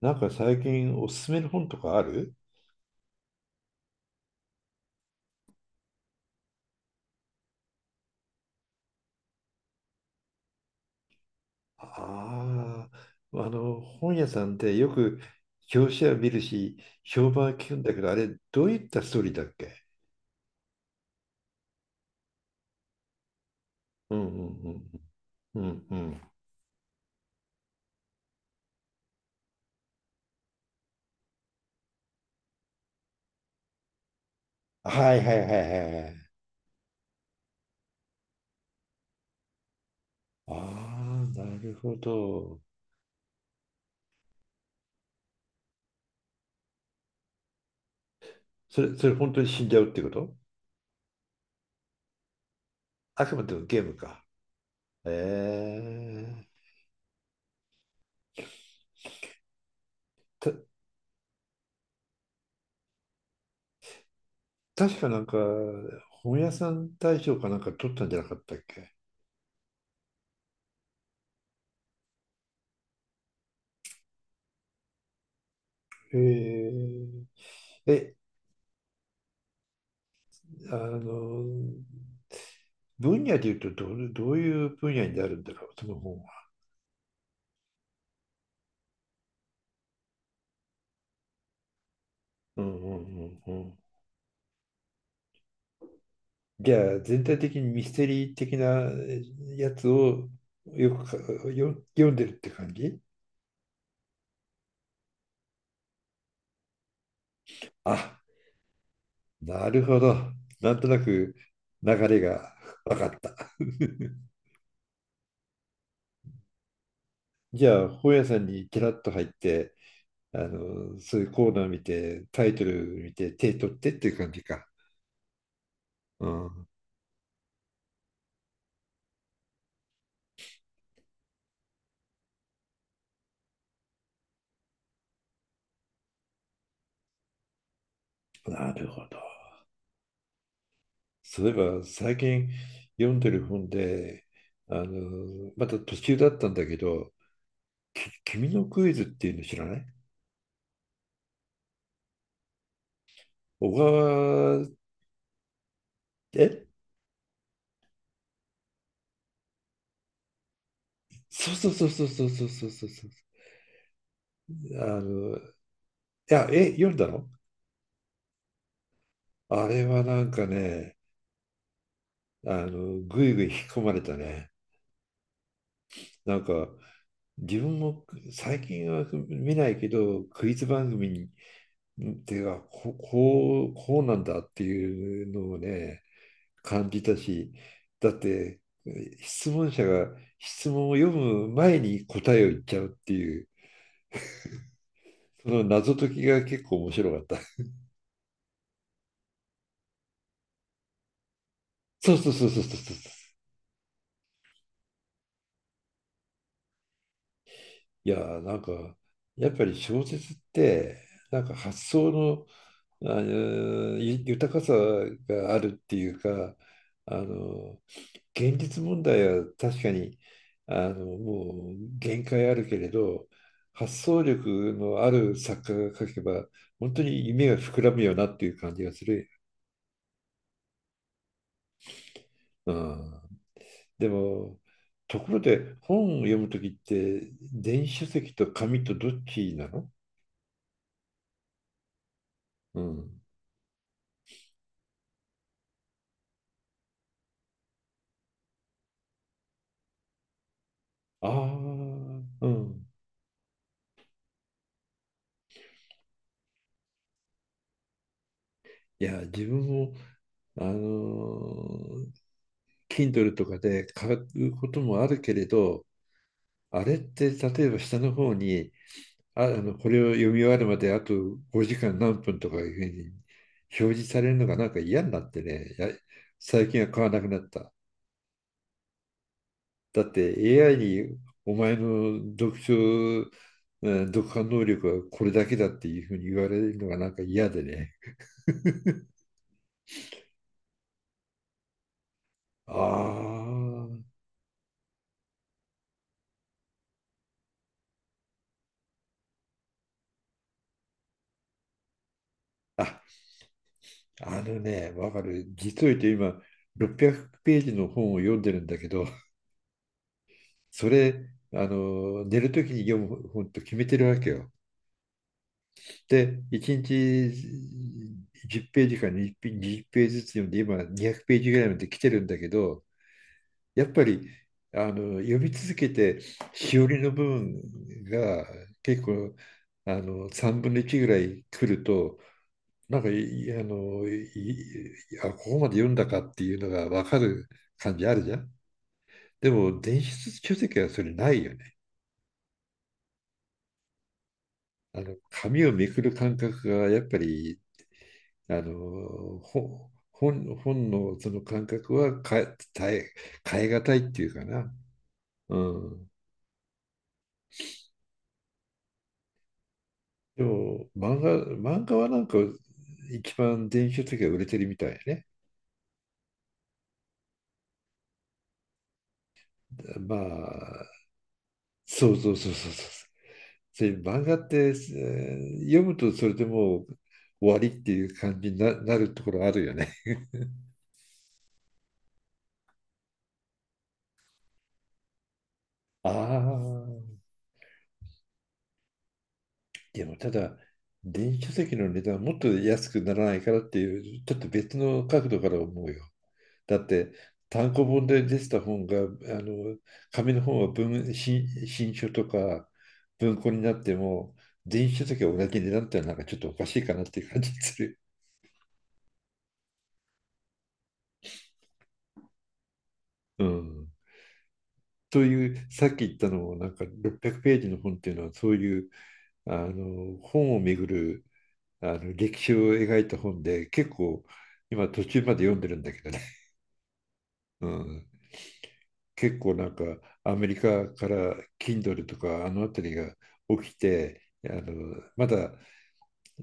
なんか最近おすすめの本とかある？ああー、本屋さんでよく表紙は見るし、評判は聞くんだけど、あれ、どういったストーリーだっけ？うんうんうんうんうん。はいはいはいはいはい。ああ、なるほど。それ本当に死んじゃうってこと？あくまでもゲームか。ええ。た、確かなんか、本屋さん大賞かなんか取ったんじゃなかったっけ？へえ。え、あの、分野で言うとどういう分野になるんだろう、その本は。うんうんうんうん。じゃあ、全体的にミステリー的なやつをよく読んでるって感じ？あ、なるほど。なんとなく流れが分かった。じゃあ、本屋さんにキラッと入って、そういうコーナー見て、タイトル見て、手取ってっていう感じか。うん、なるほど。例えば最近読んでる本で、また途中だったんだけど、君のクイズっていうの知らない？小川、えそうそうそうそうそうそうそうそうそう。いや、え、読んだの？あれはなんかね、ぐいぐい引き込まれたね。なんか、自分も最近は見ないけど、クイズ番組に、ってか、こうなんだっていうのをね、感じたし、だって質問者が質問を読む前に答えを言っちゃうっていう、その謎解きが結構面白かった。そうそうそうそうそうそう。いやー、なんか、やっぱり小説って、なんか発想の、あのゆ豊かさがあるっていうか、あの現実問題は確かにもう限界あるけれど、発想力のある作家が書けば本当に夢が膨らむよなっていう感じがする。うん、でも、ところで本を読む時って電子書籍と紙とどっちなの？うん。ああ、うん。いや自分もあのー Kindle とかで買うこともあるけれど、あれって例えば下の方にこれを読み終わるまであと5時間何分とかいうふうに表示されるのがなんか嫌になってね、最近は買わなくなった。だって AI にお前の読書、読破能力はこれだけだっていうふうに言われるのがなんか嫌でね。ああ、あのね、わかる。実を言うと今、600ページの本を読んでるんだけど、それ、寝るときに読む本と決めてるわけよ。で、1日10ページか20ページずつ読んで、今200ページぐらいまで来てるんだけど、やっぱり読み続けて、しおりの部分が結構3分の1ぐらい来ると、なんかいあのいあ、ここまで読んだかっていうのが分かる感じあるじゃん。でも、電子書籍はそれないよね？紙をめくる感覚がやっぱり、あのほ本、本のその感覚は変えがたいっていうかな。うん。でも漫画はなんか一番電子書籍が売れてるみたいやね。まあ、そうそうそうそうそう。漫画って、読むとそれでもう終わりっていう感じになるところあるよね。ああ。でもただ、電子書籍の値段もっと安くならないからっていう、ちょっと別の角度から思うよ。だって、単行本で出てた本が、の、紙の本は新書とか文庫になっても、電子書籍は同じ値段ってのはなんかちょっとおかしいかなっていう感じがする。うん。そういうさっき言ったのもなんか600ページの本っていうのはそういう本をめぐる歴史を描いた本で、結構今途中まで読んでるんだけどね。うん、結構なんかアメリカから Kindle とかあの辺りが起きて、まだ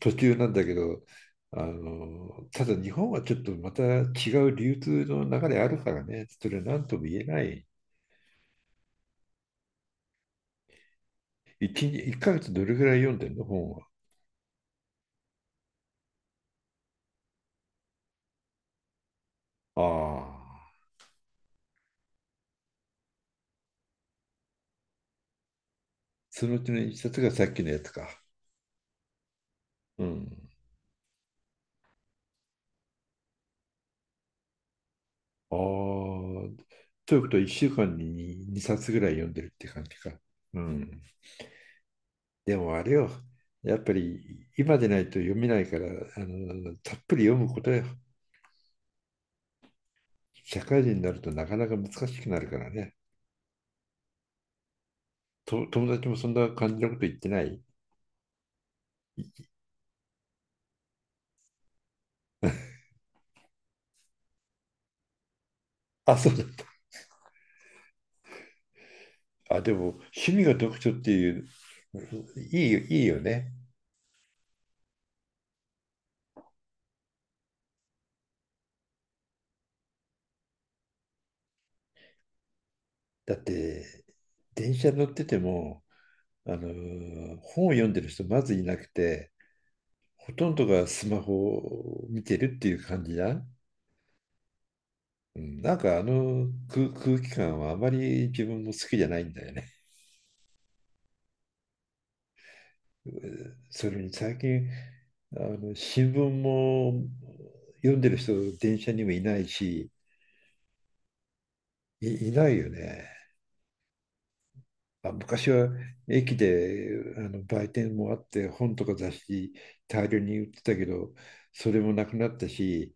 途中なんだけど、ただ日本はちょっとまた違う流通の流れあるからね、それ何とも言えない。1、一日一ヶ月どれぐらい読んでるの本は？ああ、そのうちの1冊がさっきのやつか。うん。ああ、ということは1週間に2冊ぐらい読んでるって感じか。うん。でもあれよ、やっぱり今でないと読めないから、たっぷり読むことよ。社会人になるとなかなか難しくなるからね。友達もそんな感じのこと言ってない？あ、そうだった。あ、でも趣味が読書っていう、いいよ、いいよね。だって、電車乗ってても、本を読んでる人まずいなくて、ほとんどがスマホを見てるっていう感じだ。うん、なんか空気感はあまり自分も好きじゃないんだよね。うん、それに最近新聞も読んでる人電車にもいないし、いないよね。あ、昔は駅で売店もあって本とか雑誌大量に売ってたけど、それもなくなったし、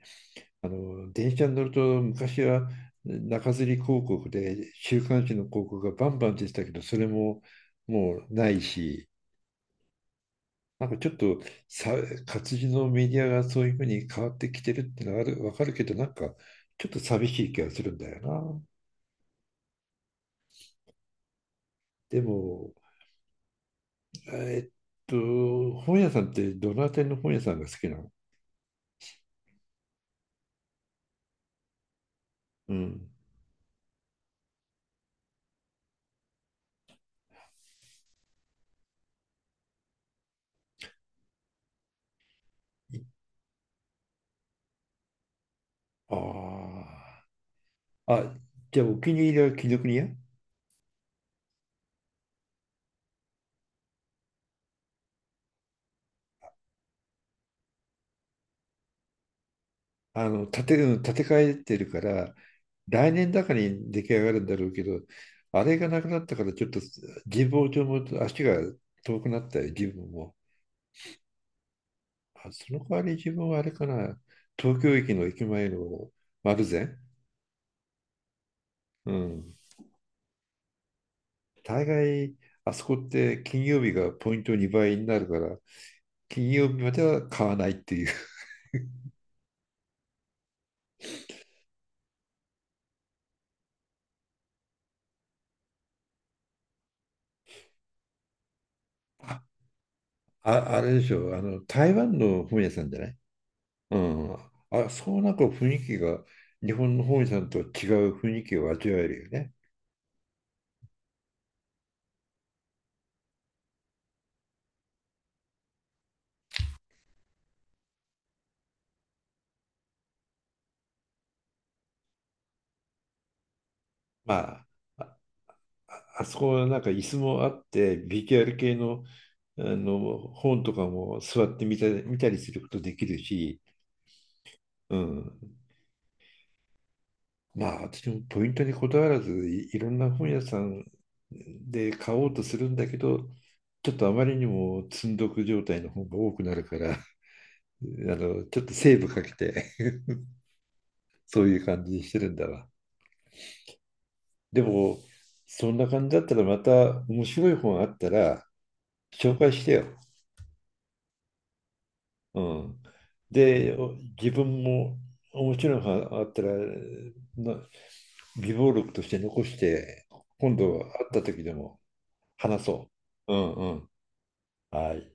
電車に乗ると昔は中吊り広告で週刊誌の広告がバンバン出てたけど、それももうないし。なんかちょっとさ、活字のメディアがそういうふうに変わってきてるってのはある、わかるけど、なんかちょっと寂しい気がするんだよな。でも、えっと、本屋さんってどの辺りの本屋さんが好きなの？うん。ああ。あ、じゃあお気に入りは紀伊国屋？うん、建て替えてるから、来年だかに出来上がるんだろうけど、あれがなくなったからちょっと神保町も足が遠くなったよ、自分も。あ、その代わり自分はあれかな、東京駅の駅前の丸善、うん、大概あそこって金曜日がポイント2倍になるから、金曜日までは買わないっていう。あ、あれでしょ、あの台湾の本屋さんじゃない？うん、あ、そう、なんか雰囲気が日本の本屋さんとは違う雰囲気を味わえるよね。まあ、あそこはなんか椅子もあって、BTR 系の、あの本とかも座って見たりすることできるし、うん。まあ、私もポイントにこだわらずいろんな本屋さんで買おうとするんだけど、ちょっとあまりにも積んどく状態の本が多くなるから、ちょっとセーブかけて、そういう感じにしてるんだわ。でも、そんな感じだったらまた面白い本あったら紹介してよ。うん。で、自分も面白い本あったら、な備忘録として残して、今度会った時でも話そう。うんうん。はい。